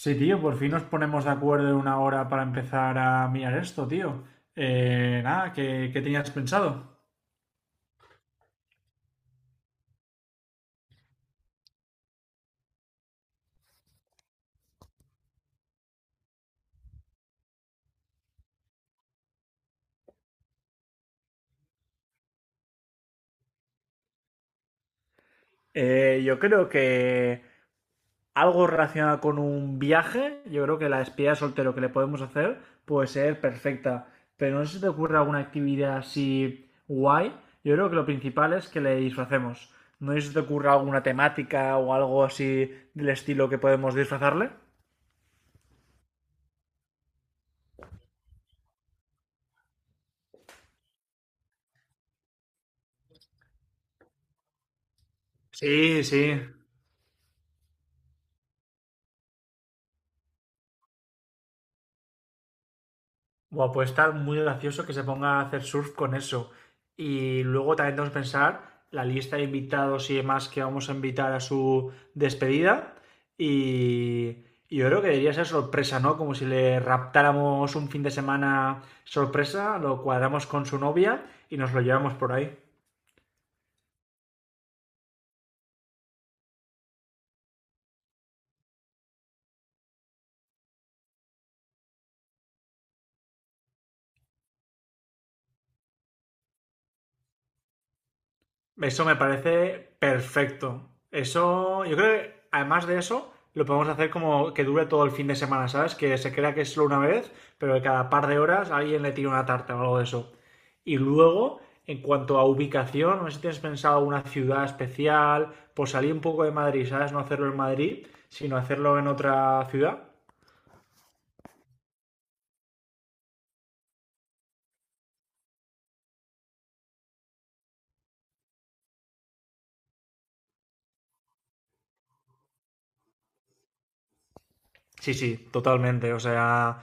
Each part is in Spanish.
Sí, tío, por fin nos ponemos de acuerdo en una hora para empezar a mirar esto, tío. Nada, ¿qué tenías pensado? Yo creo que algo relacionado con un viaje, yo creo que la despedida de soltero que le podemos hacer puede ser perfecta. Pero no sé si te ocurre alguna actividad así guay. Yo creo que lo principal es que le disfracemos. No sé si te ocurre alguna temática o algo así del estilo que podemos disfrazarle. Sí, sí. Buah, puede estar muy gracioso que se ponga a hacer surf con eso. Y luego también tenemos que pensar la lista de invitados y demás que vamos a invitar a su despedida. Y, y yo creo que debería ser sorpresa, ¿no? Como si le raptáramos un fin de semana sorpresa, lo cuadramos con su novia y nos lo llevamos por ahí. Eso me parece perfecto. Eso, yo creo que además de eso, lo podemos hacer como que dure todo el fin de semana, ¿sabes? Que se crea que es solo una vez, pero que cada par de horas alguien le tira una tarta o algo de eso. Y luego, en cuanto a ubicación, no sé si tienes pensado una ciudad especial, pues salir un poco de Madrid, ¿sabes? No hacerlo en Madrid, sino hacerlo en otra ciudad. Sí, sí, totalmente. O sea,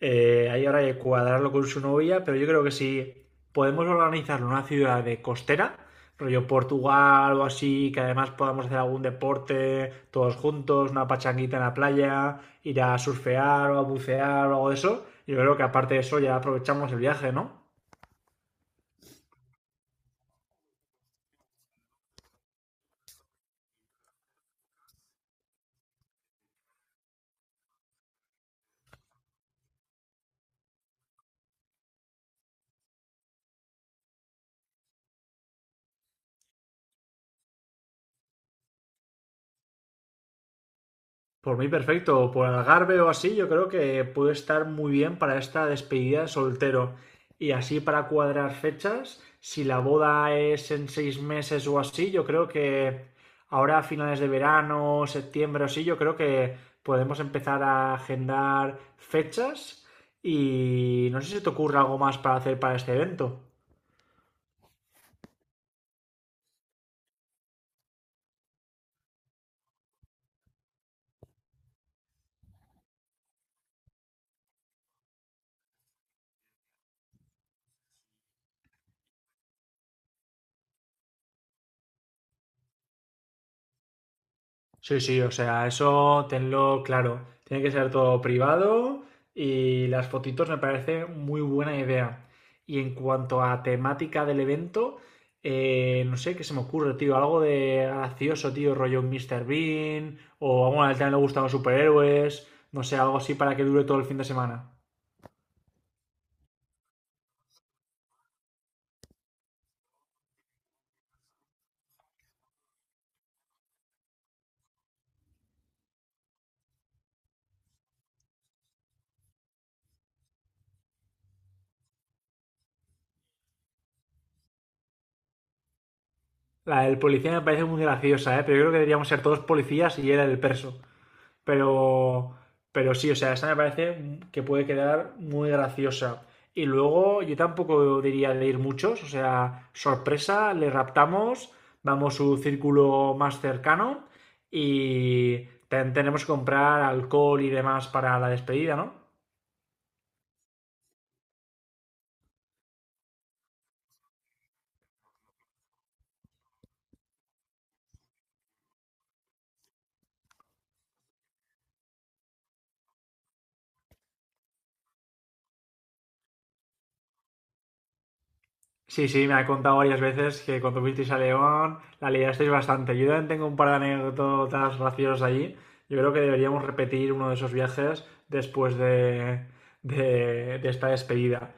ahí ahora hay que cuadrarlo con su novia, pero yo creo que si podemos organizarlo en una ciudad de costera, rollo Portugal o así, que además podamos hacer algún deporte todos juntos, una pachanguita en la playa, ir a surfear o a bucear o algo de eso, yo creo que aparte de eso ya aprovechamos el viaje, ¿no? Por mí perfecto, por Algarve o así, yo creo que puede estar muy bien para esta despedida de soltero. Y así para cuadrar fechas, si la boda es en 6 meses o así, yo creo que ahora a finales de verano, septiembre o así, yo creo que podemos empezar a agendar fechas. Y no sé si te ocurre algo más para hacer para este evento. Sí, sí, o sea, eso tenlo claro. Tiene que ser todo privado y las fotitos me parece muy buena idea. Y en cuanto a temática del evento, no sé qué se me ocurre, tío. Algo de gracioso, tío, rollo un Mr. Bean o bueno, a él también le gustan los superhéroes. No sé, algo así para que dure todo el fin de semana. La del policía me parece muy graciosa, ¿eh? Pero yo creo que deberíamos ser todos policías y él el perso. Pero, pero sí, o sea, esa me parece que puede quedar muy graciosa. Y luego yo tampoco diría de ir muchos, o sea, sorpresa, le raptamos, vamos a su círculo más cercano y tenemos que comprar alcohol y demás para la despedida, ¿no? Sí, sí, me ha contado varias veces que cuando fuisteis a León la liasteis bastante. Yo también tengo un par de anécdotas graciosas allí. Yo creo que deberíamos repetir uno de esos viajes después de esta despedida.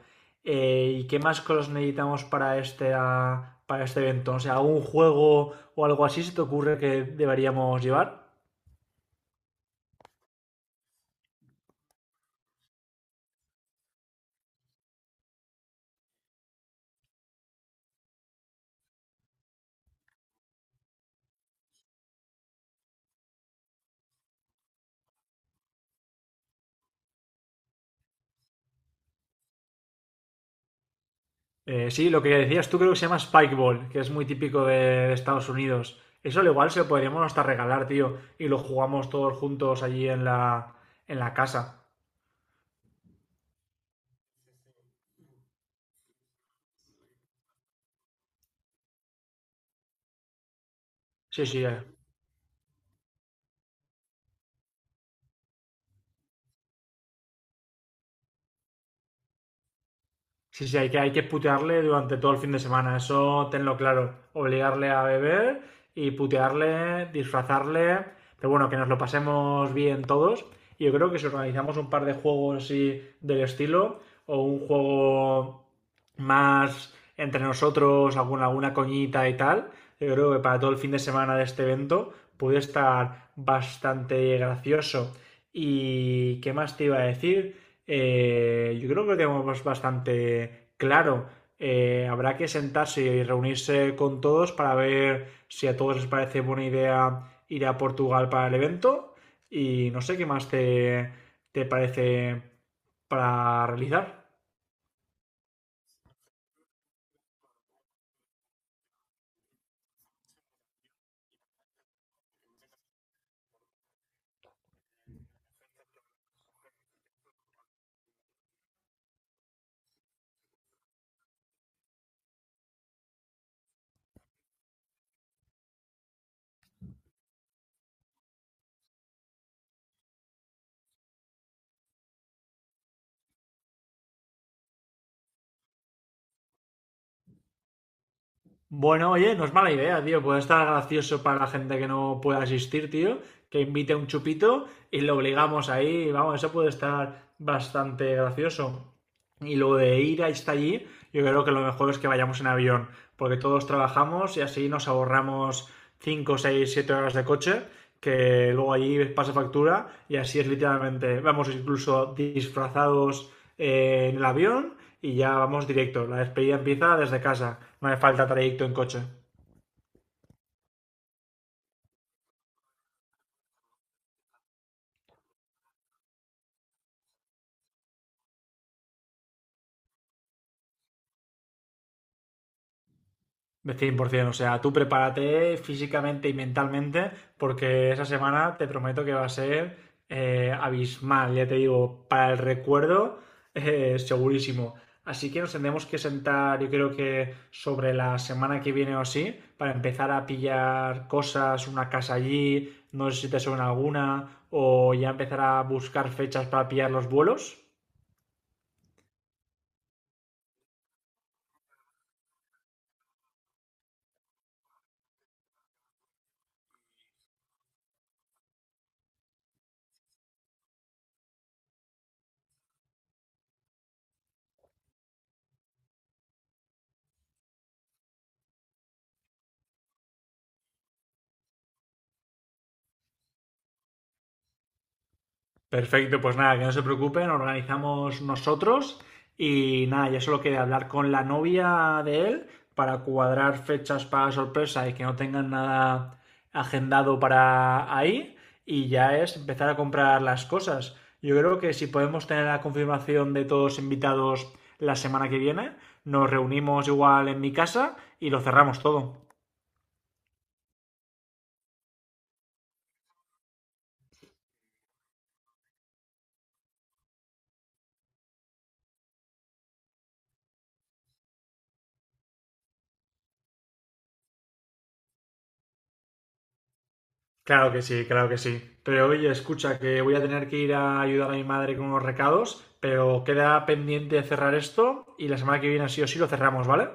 ¿Y qué más cosas necesitamos para este evento? O sea, ¿algún juego o algo así se te ocurre que deberíamos llevar? Sí, lo que decías tú creo que se llama Spikeball, que es muy típico de Estados Unidos. Eso al igual se lo podríamos hasta regalar, tío, y lo jugamos todos juntos allí en en la casa. Sí, sí. Sí, sí, hay que putearle durante todo el fin de semana, eso tenlo claro. Obligarle a beber y putearle, disfrazarle, pero bueno, que nos lo pasemos bien todos. Y yo creo que si organizamos un par de juegos así del estilo, o un juego más entre nosotros, alguna coñita y tal, yo creo que para todo el fin de semana de este evento puede estar bastante gracioso. ¿Y qué más te iba a decir? Yo creo que lo tenemos bastante claro. Habrá que sentarse y reunirse con todos para ver si a todos les parece buena idea ir a Portugal para el evento y no sé qué más te parece para realizar. Bueno, oye, no es mala idea, tío. Puede estar gracioso para la gente que no pueda asistir, tío. Que invite un chupito y lo obligamos ahí. Vamos, eso puede estar bastante gracioso. Y lo de ir hasta allí, yo creo que lo mejor es que vayamos en avión, porque todos trabajamos y así nos ahorramos 5, 6, 7 horas de coche, que luego allí pasa factura y así es literalmente, vamos incluso disfrazados en el avión y ya vamos directo. La despedida empieza desde casa. No hace falta trayecto en coche. De 100. O sea, tú prepárate físicamente y mentalmente porque esa semana te prometo que va a ser abismal. Ya te digo, para el recuerdo, segurísimo. Así que nos tendremos que sentar, yo creo que sobre la semana que viene o así, para empezar a pillar cosas, una casa allí, no sé si te suena alguna, o ya empezar a buscar fechas para pillar los vuelos. Perfecto, pues nada, que no se preocupen, organizamos nosotros y nada, ya solo queda hablar con la novia de él para cuadrar fechas para sorpresa y que no tengan nada agendado para ahí y ya es empezar a comprar las cosas. Yo creo que si podemos tener la confirmación de todos invitados la semana que viene, nos reunimos igual en mi casa y lo cerramos todo. Claro que sí, claro que sí. Pero oye, escucha, que voy a tener que ir a ayudar a mi madre con unos recados, pero queda pendiente cerrar esto y la semana que viene sí o sí lo cerramos, ¿vale?